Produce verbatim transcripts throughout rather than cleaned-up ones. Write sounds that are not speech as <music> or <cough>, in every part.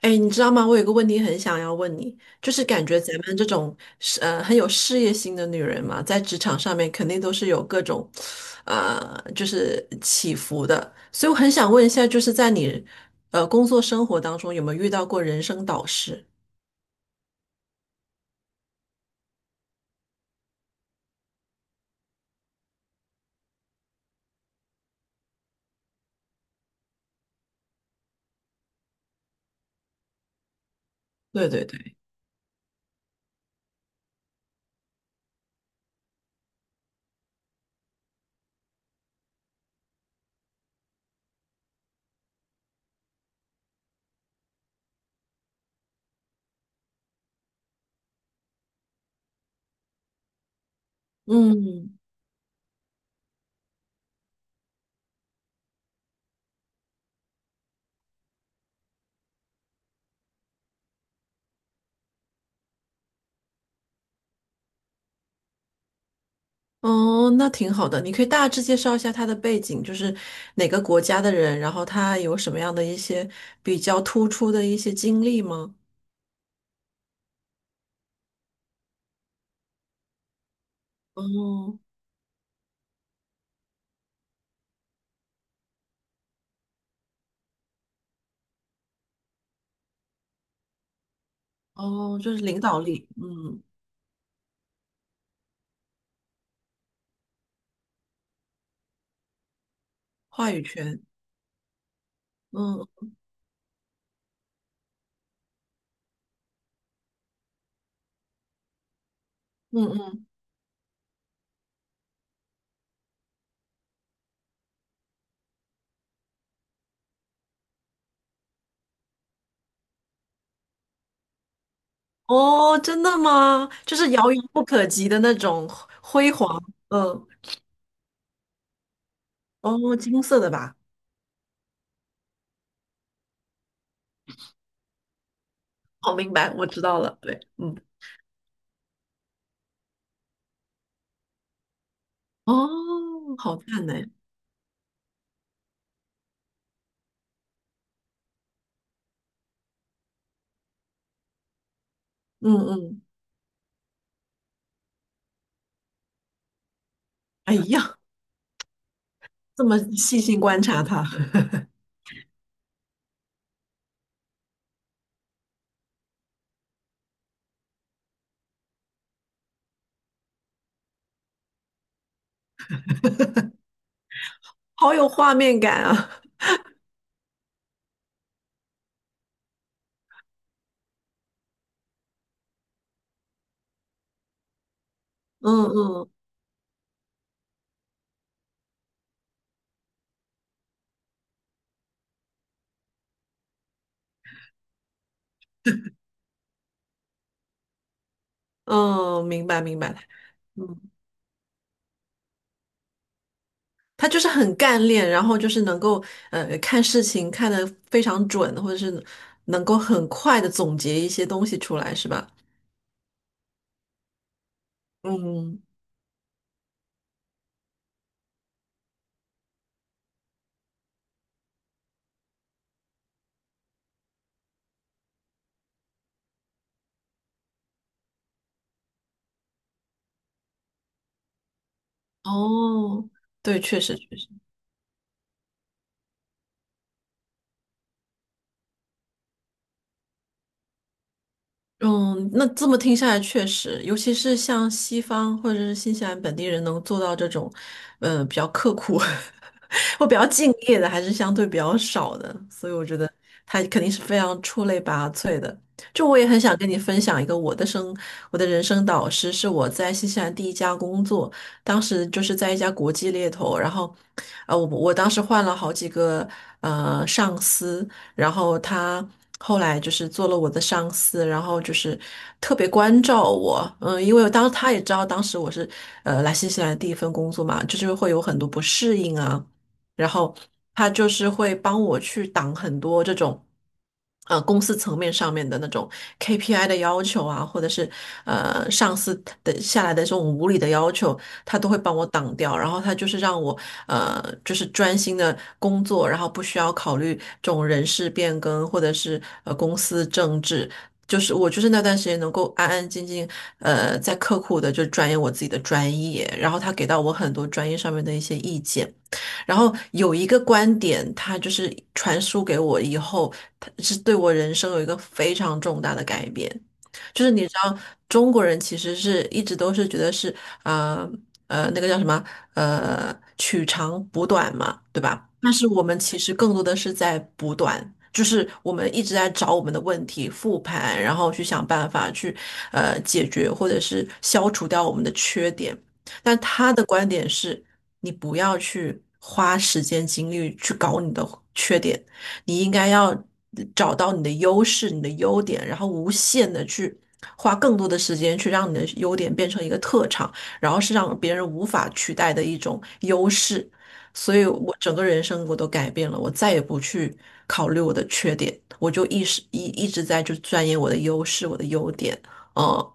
哎，你知道吗？我有个问题很想要问你，就是感觉咱们这种是呃很有事业心的女人嘛，在职场上面肯定都是有各种，呃，就是起伏的。所以我很想问一下，就是在你呃工作生活当中，有没有遇到过人生导师？对对对，嗯，哦，那挺好的。你可以大致介绍一下他的背景，就是哪个国家的人，然后他有什么样的一些比较突出的一些经历吗？哦，哦，就是领导力，嗯，话语权，嗯嗯嗯，哦，真的吗？就是遥遥不可及的那种辉煌，嗯，哦，金色的吧？哦，明白，我知道了，对，嗯，哦，好看呢，嗯嗯，哎呀，这么细心观察它，<laughs> 好有画面感啊，嗯嗯嗯，明白明白，嗯。他就是很干练，然后就是能够呃看事情看得非常准，或者是能够很快的总结一些东西出来，是吧？嗯，哦，对，确实确实。嗯，那这么听下来，确实，尤其是像西方或者是新西兰本地人能做到这种，呃，比较刻苦 <laughs> 或比较敬业的，还是相对比较少的。所以我觉得他肯定是非常出类拔萃的。就我也很想跟你分享一个我的生，我的人生导师是我在新西兰第一家工作，当时就是在一家国际猎头，然后，呃，我我当时换了好几个呃上司。然后他后来就是做了我的上司，然后就是特别关照我，嗯，因为当他也知道当时我是呃来新西兰的第一份工作嘛，就是会有很多不适应啊。然后他就是会帮我去挡很多这种，呃，公司层面上面的那种 K P I 的要求啊，或者是呃上司的下来的这种无理的要求，他都会帮我挡掉。然后他就是让我呃，就是专心的工作，然后不需要考虑这种人事变更或者是呃公司政治。就是我就是那段时间能够安安静静，呃，在刻苦的就钻研我自己的专业，然后他给到我很多专业上面的一些意见。然后有一个观点，他就是传输给我以后，他是对我人生有一个非常重大的改变。就是你知道，中国人其实是一直都是觉得是呃呃那个叫什么呃取长补短嘛，对吧？但是我们其实更多的是在补短，就是我们一直在找我们的问题复盘，然后去想办法去呃解决或者是消除掉我们的缺点。但他的观点是，你不要去花时间精力去搞你的缺点，你应该要找到你的优势、你的优点，然后无限的去花更多的时间去让你的优点变成一个特长，然后是让别人无法取代的一种优势。所以我整个人生我都改变了，我再也不去考虑我的缺点，我就一直一一直在就钻研我的优势、我的优点，嗯，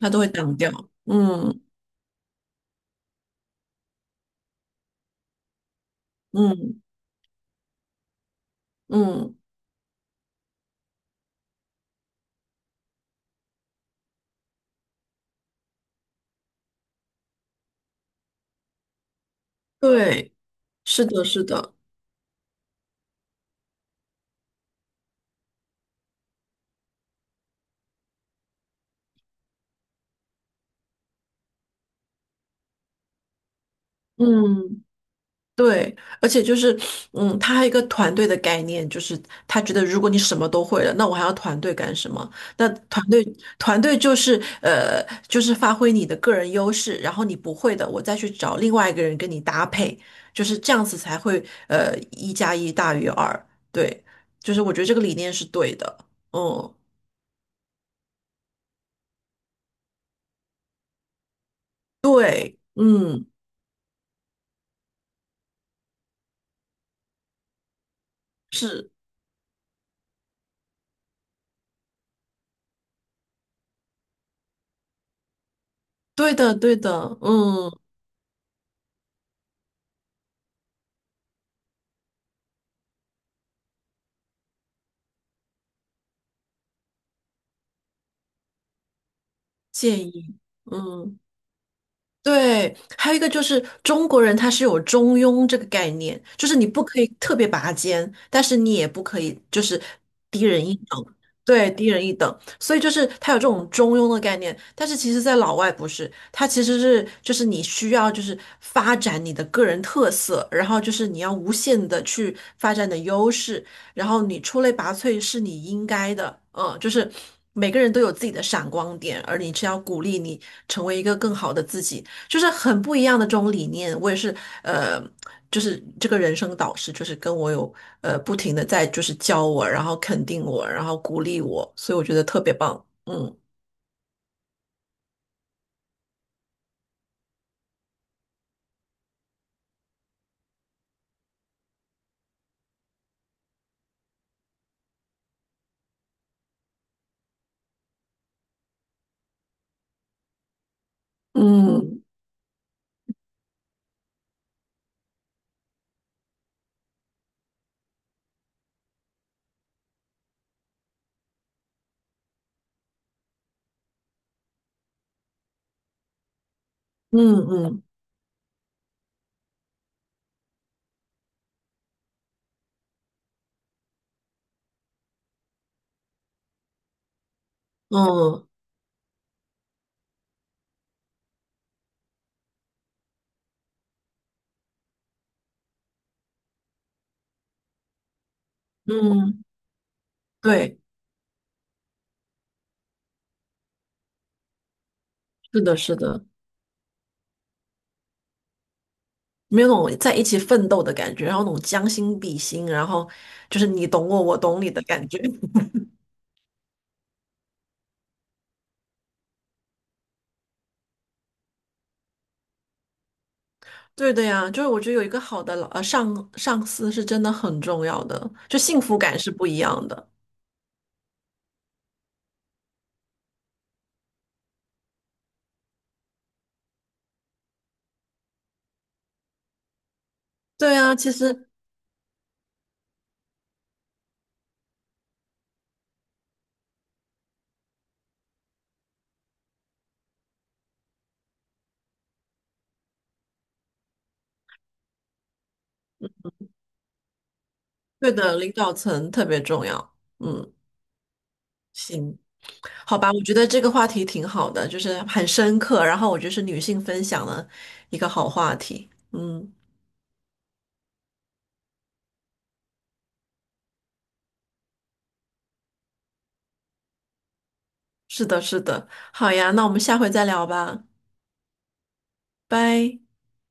他都会挡掉，嗯嗯。嗯对，是的，是的。嗯对，而且就是，嗯，他还有一个团队的概念，就是他觉得如果你什么都会了，那我还要团队干什么？那团队团队就是呃，就是发挥你的个人优势，然后你不会的，我再去找另外一个人跟你搭配，就是这样子才会呃，一加一大于二。对，就是我觉得这个理念是对的。嗯，对，嗯，是对的，对的，嗯，建议，嗯。对，还有一个就是中国人他是有中庸这个概念，就是你不可以特别拔尖，但是你也不可以就是低人一等，对，低人一等。所以就是他有这种中庸的概念，但是其实在老外不是，他其实是就是你需要就是发展你的个人特色，然后就是你要无限的去发展你的优势，然后你出类拔萃是你应该的，嗯，就是每个人都有自己的闪光点，而你是要鼓励你成为一个更好的自己。就是很不一样的这种理念。我也是，呃，就是这个人生导师，就是跟我有呃不停的在就是教我，然后肯定我，然后鼓励我，所以我觉得特别棒。嗯嗯嗯嗯嗯嗯，对，是的，是的，没有那种在一起奋斗的感觉，然后那种将心比心，然后就是你懂我，我懂你的感觉。<laughs> 对的呀，就是我觉得有一个好的老呃上上司是真的很重要的，就幸福感是不一样的。对啊，其实对的，领导层特别重要。嗯，行，好吧，我觉得这个话题挺好的，就是很深刻，然后我觉得是女性分享的一个好话题。嗯，是的，是的，好呀，那我们下回再聊吧，拜。